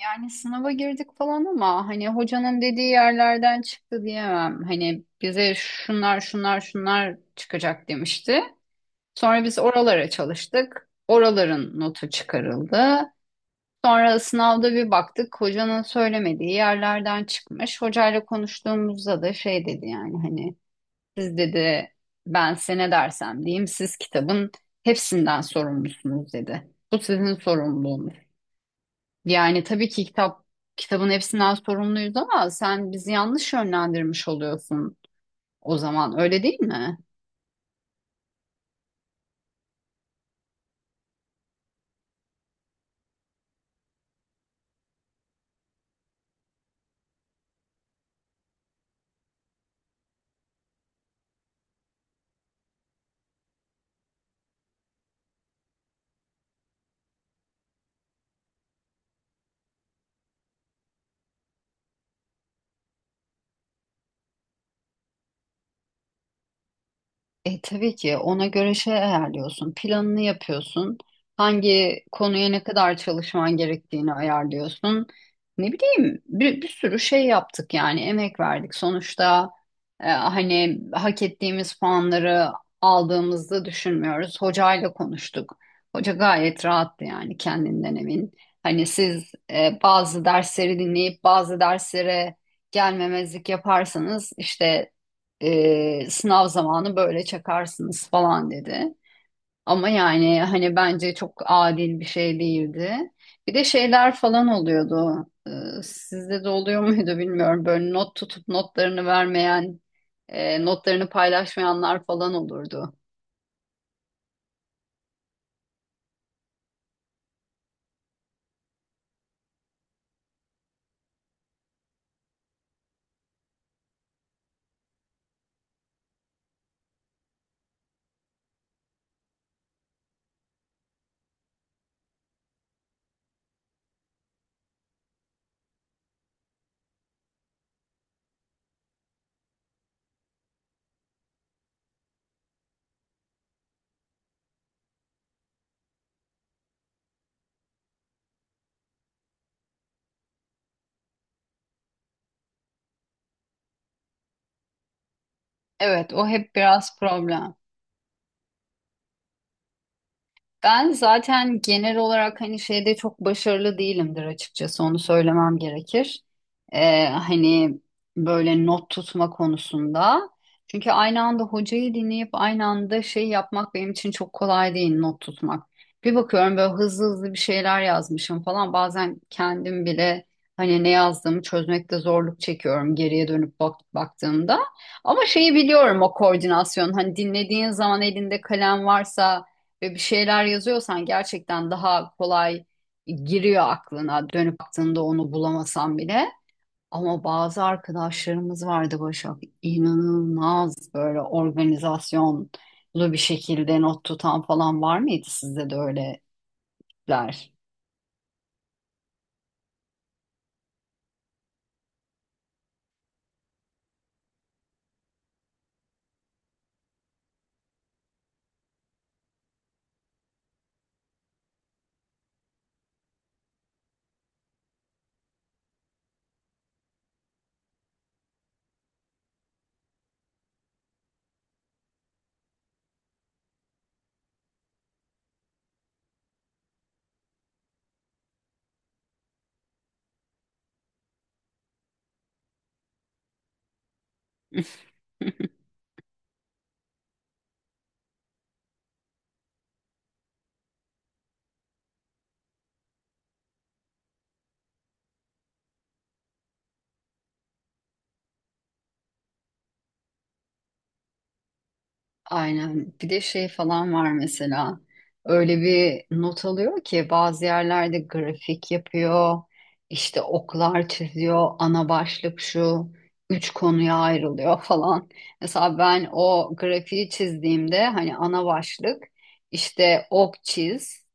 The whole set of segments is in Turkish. Yani sınava girdik falan ama hani hocanın dediği yerlerden çıktı diyemem. Hani bize şunlar şunlar şunlar çıkacak demişti. Sonra biz oralara çalıştık. Oraların notu çıkarıldı. Sonra sınavda bir baktık hocanın söylemediği yerlerden çıkmış. Hocayla konuştuğumuzda da şey dedi yani hani siz dedi ben size ne dersem diyeyim siz kitabın hepsinden sorumlusunuz dedi. Bu sizin sorumluluğunuz. Yani tabii ki kitabın hepsinden sorumluyuz ama sen bizi yanlış yönlendirmiş oluyorsun o zaman öyle değil mi? Tabii ki ona göre şey ayarlıyorsun, planını yapıyorsun, hangi konuya ne kadar çalışman gerektiğini ayarlıyorsun. Ne bileyim bir sürü şey yaptık yani emek verdik. Sonuçta hani hak ettiğimiz puanları aldığımızı düşünmüyoruz. Hocayla konuştuk. Hoca gayet rahattı yani kendinden emin. Hani siz bazı dersleri dinleyip bazı derslere gelmemezlik yaparsanız işte sınav zamanı böyle çakarsınız falan dedi. Ama yani hani bence çok adil bir şey değildi. Bir de şeyler falan oluyordu. Sizde de oluyor muydu bilmiyorum. Böyle not tutup notlarını vermeyen, notlarını paylaşmayanlar falan olurdu. Evet, o hep biraz problem. Ben zaten genel olarak hani şeyde çok başarılı değilimdir açıkçası onu söylemem gerekir. Hani böyle not tutma konusunda. Çünkü aynı anda hocayı dinleyip aynı anda şey yapmak benim için çok kolay değil not tutmak. Bir bakıyorum böyle hızlı hızlı bir şeyler yazmışım falan. Bazen kendim bile hani ne yazdığımı çözmekte zorluk çekiyorum geriye dönüp baktığımda. Ama şeyi biliyorum o koordinasyon. Hani dinlediğin zaman elinde kalem varsa ve bir şeyler yazıyorsan gerçekten daha kolay giriyor aklına dönüp baktığında onu bulamasan bile. Ama bazı arkadaşlarımız vardı Başak, inanılmaz böyle organizasyonlu bir şekilde not tutan falan var mıydı sizde de öyleler? Aynen. Bir de şey falan var mesela. Öyle bir not alıyor ki bazı yerlerde grafik yapıyor, işte oklar çiziyor, ana başlık şu, üç konuya ayrılıyor falan. Mesela ben o grafiği çizdiğimde hani ana başlık işte ok çiz,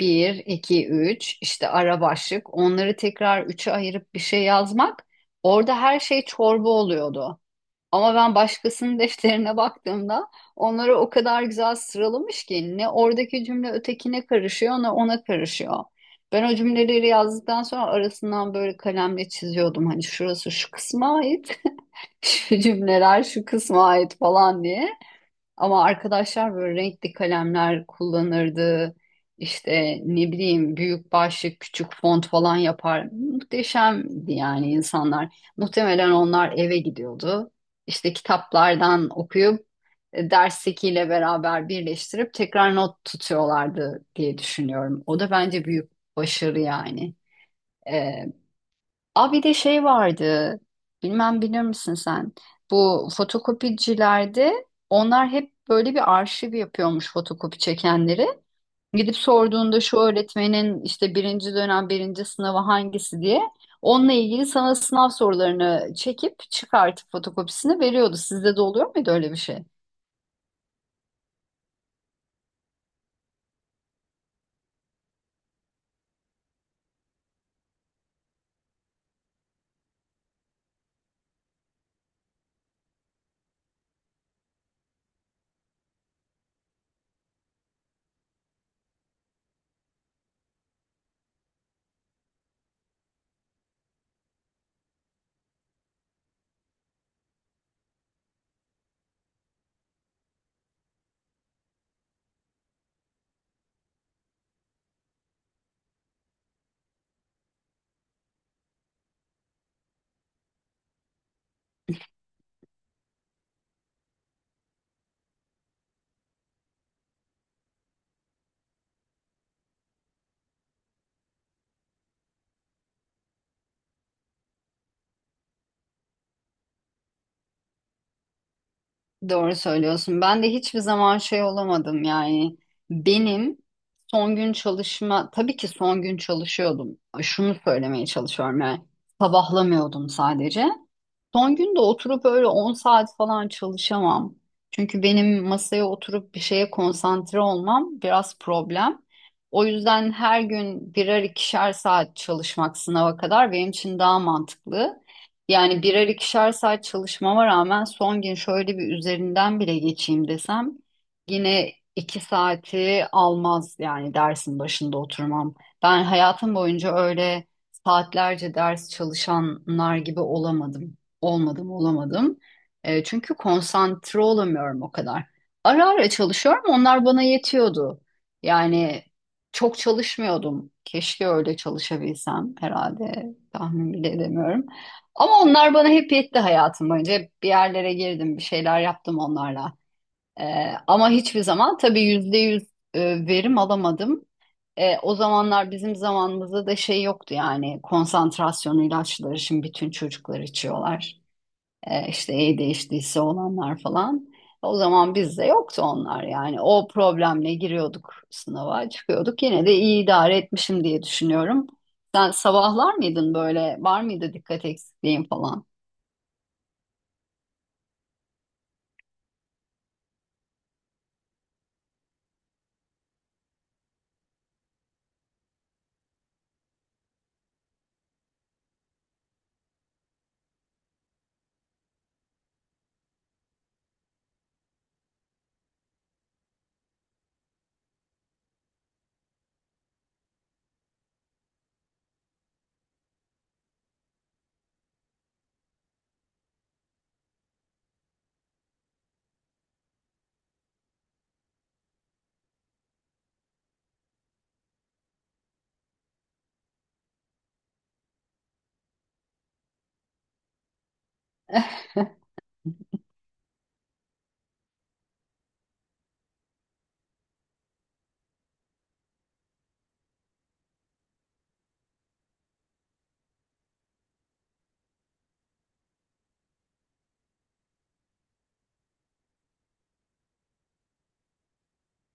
bir, iki, üç, işte ara başlık onları tekrar üçe ayırıp bir şey yazmak, orada her şey çorba oluyordu. Ama ben başkasının defterine baktığımda onları o kadar güzel sıralamış ki ne oradaki cümle ötekine karışıyor ne ona karışıyor. Ben o cümleleri yazdıktan sonra arasından böyle kalemle çiziyordum. Hani şurası şu kısma ait, şu cümleler şu kısma ait falan diye. Ama arkadaşlar böyle renkli kalemler kullanırdı. İşte ne bileyim büyük başlık, küçük font falan yapar. Muhteşemdi yani insanlar. Muhtemelen onlar eve gidiyordu. İşte kitaplardan okuyup derstekiyle beraber birleştirip tekrar not tutuyorlardı diye düşünüyorum. O da bence büyük başarı yani. E, Aa, bir de şey vardı. Bilmem bilir misin sen? Bu fotokopicilerde onlar hep böyle bir arşiv yapıyormuş fotokopi çekenleri. Gidip sorduğunda şu öğretmenin işte birinci dönem birinci sınavı hangisi diye onunla ilgili sana sınav sorularını çekip çıkartıp fotokopisini veriyordu. Sizde de oluyor muydu öyle bir şey? Doğru söylüyorsun. Ben de hiçbir zaman şey olamadım yani. Benim son gün çalışma, tabii ki son gün çalışıyordum. Şunu söylemeye çalışıyorum yani. Sabahlamıyordum sadece. Son gün de oturup öyle 10 saat falan çalışamam. Çünkü benim masaya oturup bir şeye konsantre olmam biraz problem. O yüzden her gün birer ikişer saat çalışmak sınava kadar benim için daha mantıklı. Yani birer ikişer saat çalışmama rağmen son gün şöyle bir üzerinden bile geçeyim desem yine 2 saati almaz yani dersin başında oturmam. Ben hayatım boyunca öyle saatlerce ders çalışanlar gibi olamadım. Olmadım, olamadım. Çünkü konsantre olamıyorum o kadar. Ara ara çalışıyorum, onlar bana yetiyordu. Yani çok çalışmıyordum. Keşke öyle çalışabilsem, herhalde tahmin bile edemiyorum. Ama onlar bana hep yetti hayatım boyunca. Hep bir yerlere girdim, bir şeyler yaptım onlarla. E, ama hiçbir zaman tabii %100 verim alamadım. O zamanlar bizim zamanımızda da şey yoktu yani, konsantrasyon ilaçları şimdi bütün çocuklar içiyorlar. E, işte değiştiyse olanlar falan. O zaman bizde yoktu onlar yani. O problemle giriyorduk sınava, çıkıyorduk. Yine de iyi idare etmişim diye düşünüyorum. Sen sabahlar mıydın böyle? Var mıydı dikkat eksikliğin falan?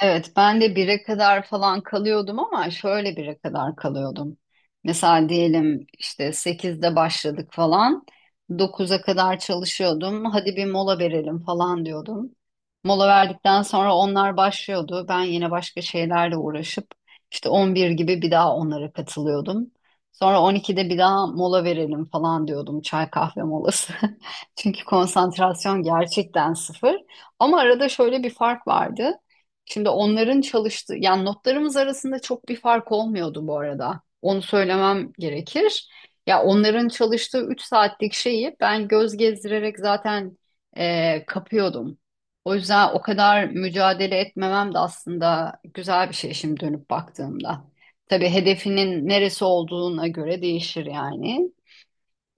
Evet, ben de 1'e kadar falan kalıyordum, ama şöyle 1'e kadar kalıyordum. Mesela diyelim işte 8'de başladık falan. 9'a kadar çalışıyordum. Hadi bir mola verelim falan diyordum. Mola verdikten sonra onlar başlıyordu. Ben yine başka şeylerle uğraşıp işte 11 gibi bir daha onlara katılıyordum. Sonra 12'de bir daha mola verelim falan diyordum. Çay kahve molası. Çünkü konsantrasyon gerçekten sıfır. Ama arada şöyle bir fark vardı. Şimdi onların çalıştığı, yani notlarımız arasında çok bir fark olmuyordu bu arada. Onu söylemem gerekir. Ya onların çalıştığı 3 saatlik şeyi ben göz gezdirerek zaten kapıyordum. O yüzden o kadar mücadele etmemem de aslında güzel bir şey şimdi dönüp baktığımda. Tabii hedefinin neresi olduğuna göre değişir yani.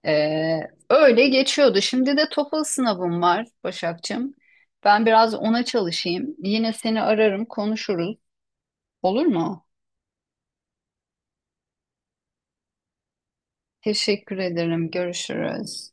Ee, öyle geçiyordu. Şimdi de TOEFL sınavım var Başakçığım. Ben biraz ona çalışayım. Yine seni ararım, konuşuruz. Olur mu? Teşekkür ederim. Görüşürüz.